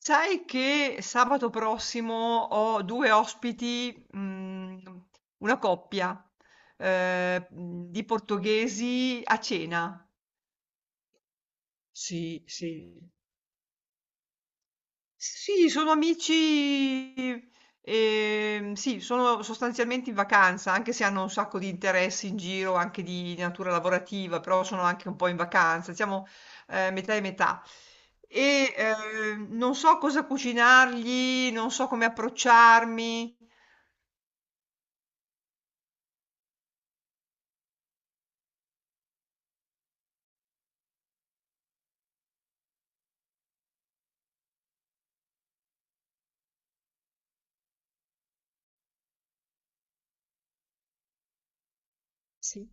Sai che sabato prossimo ho 2 ospiti, mhmm, una coppia, di portoghesi a cena. Sì, sì. Sì, sono amici, sì, sono sostanzialmente in vacanza, anche se hanno un sacco di interessi in giro, anche di natura lavorativa, però sono anche un po' in vacanza, siamo metà e metà. E non so cosa cucinargli, non so come approcciarmi. Sì.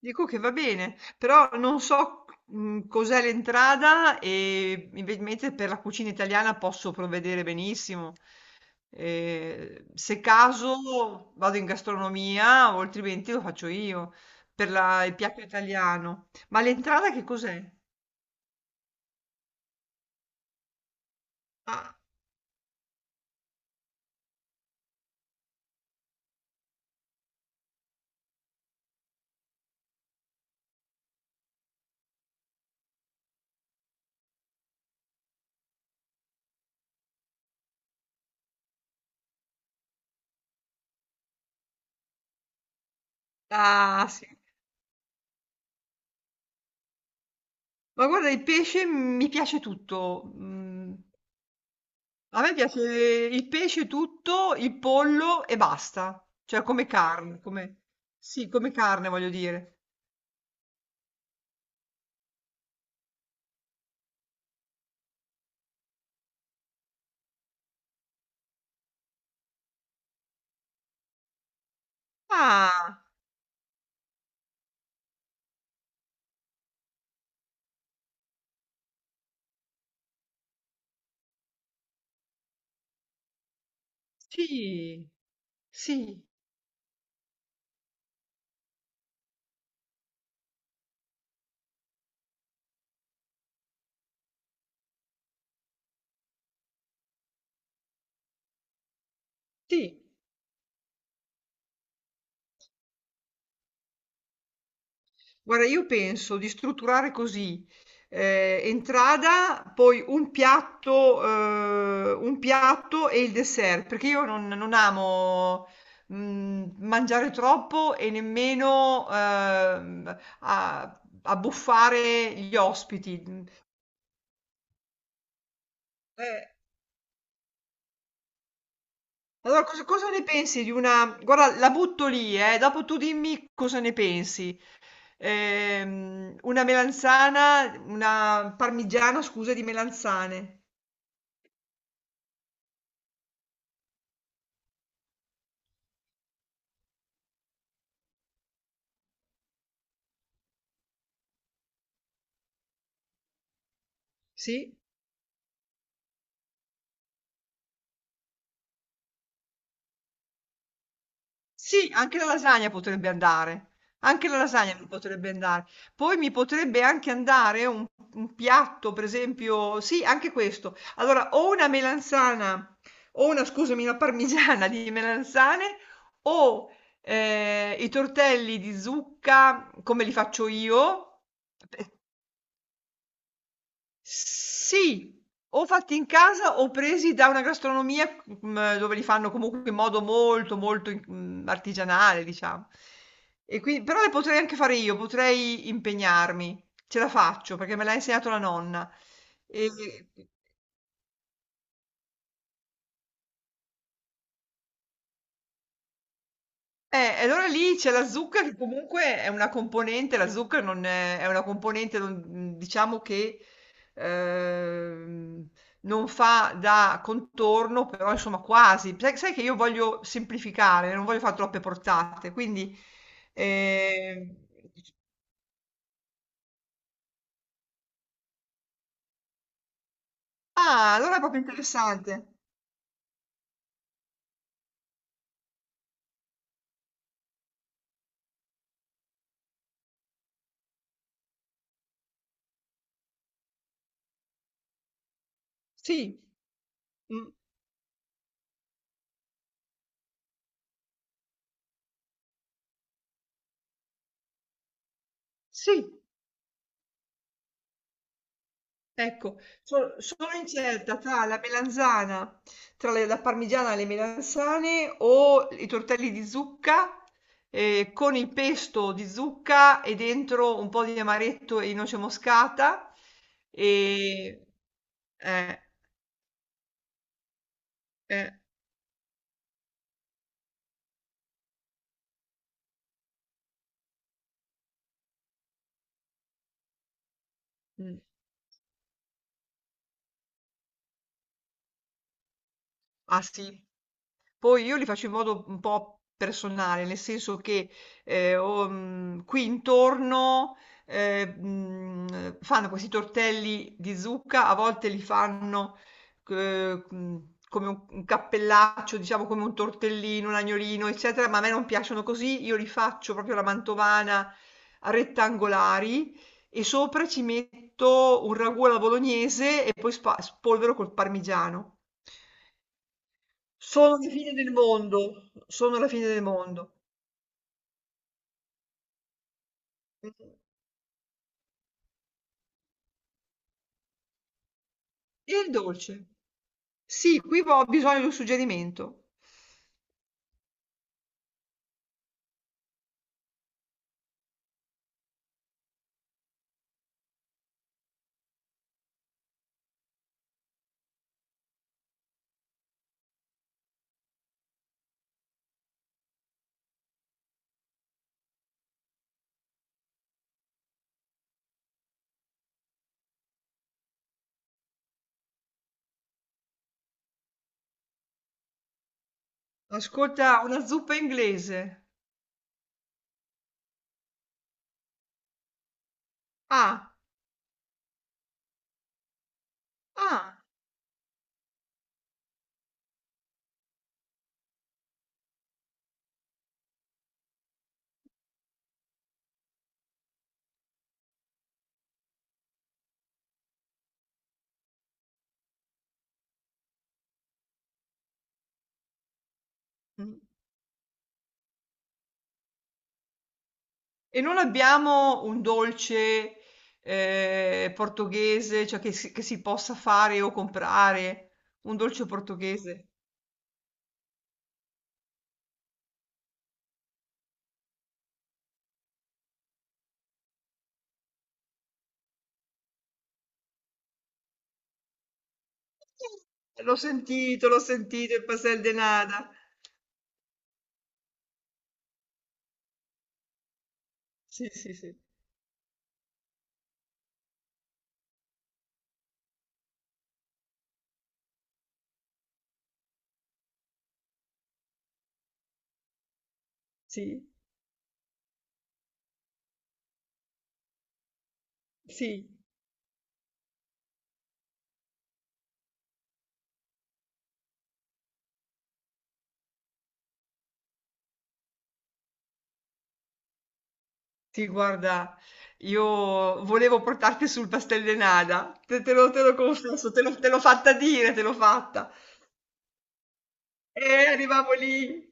Dico che va bene, però non so cos'è l'entrada e invece per la cucina italiana posso provvedere benissimo. Se caso vado in gastronomia o altrimenti lo faccio io il piatto italiano. Ma l'entrata che cos'è? Ah, ah, sì. Ma guarda, il pesce mi piace tutto. A me piace il pesce tutto, il pollo e basta. Cioè come carne, come... Sì, come carne voglio dire. Ah, sì, sì, sì. Guarda, io penso di strutturare così, entrata, poi un piatto e il dessert, perché io non amo mangiare troppo e nemmeno abbuffare gli ospiti. Eh, allora, cosa ne pensi di una... Guarda, la butto lì, dopo tu dimmi cosa ne pensi. Una parmigiana, scusa, di melanzane. Sì, sì, anche la lasagna potrebbe andare, anche la lasagna mi potrebbe andare. Poi mi potrebbe anche andare un piatto, per esempio, sì, anche questo. Allora, o una melanzana, o una, scusami, una parmigiana di melanzane, o i tortelli di zucca, come li faccio io, Sì, o fatti in casa o presi da una gastronomia, mhmm, dove li fanno comunque in modo molto, molto, artigianale diciamo. E qui però le potrei anche fare io, potrei impegnarmi. Ce la faccio perché me l'ha insegnato la nonna. E e allora lì c'è la zucca che comunque è una componente, la zucca non è, è una componente, diciamo che ehm, non fa da contorno, però insomma quasi. Sai che io voglio semplificare, non voglio fare troppe portate, quindi... ehm, Ah, allora è proprio interessante. Sì, Mm, sì. Ecco, sono incerta tra la melanzana, la parmigiana e le melanzane o i tortelli di zucca con il pesto di zucca e dentro un po' di amaretto e di noce moscata. E, eh, eh, mm. Ah sì, Poi io li faccio in modo un po' personale, nel senso che ho qui intorno fanno questi tortelli di zucca, a volte li fanno eh, mh, come un cappellaccio, diciamo come un tortellino, un agnolino, eccetera, ma a me non piacciono così, io li faccio proprio alla mantovana a rettangolari e sopra ci metto un ragù alla bolognese e poi spolvero col parmigiano. Sono la fine del mondo, sono la fine del mondo. Mh. E il dolce? Sì, qui ho bisogno di un suggerimento. Ascolta, una zuppa inglese. Ah, ah. Mh. E non abbiamo un dolce, portoghese, cioè che si possa fare o comprare? Un dolce portoghese? Sì, l'ho sentito, il pastel de nata. Sì, sì, sì, sì, sì. Sì, guarda, io volevo portarti sul pastel de nata, te lo confesso, te l'ho fatta dire, te l'ho fatta. E arrivavo lì.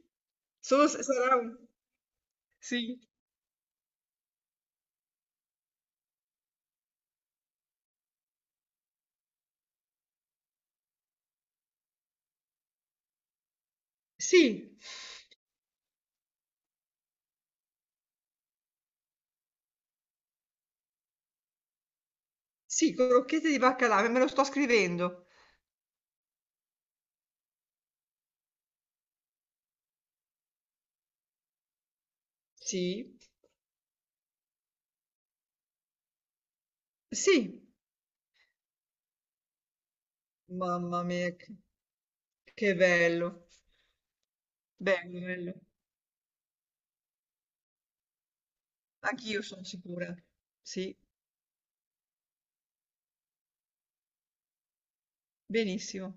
Solo se sarà un... Sì, sì, sì, crocchette di baccalà, me lo sto scrivendo. Sì, sì, mamma mia, che bello. Bello, bello. Anch'io sono sicura. Sì, benissimo.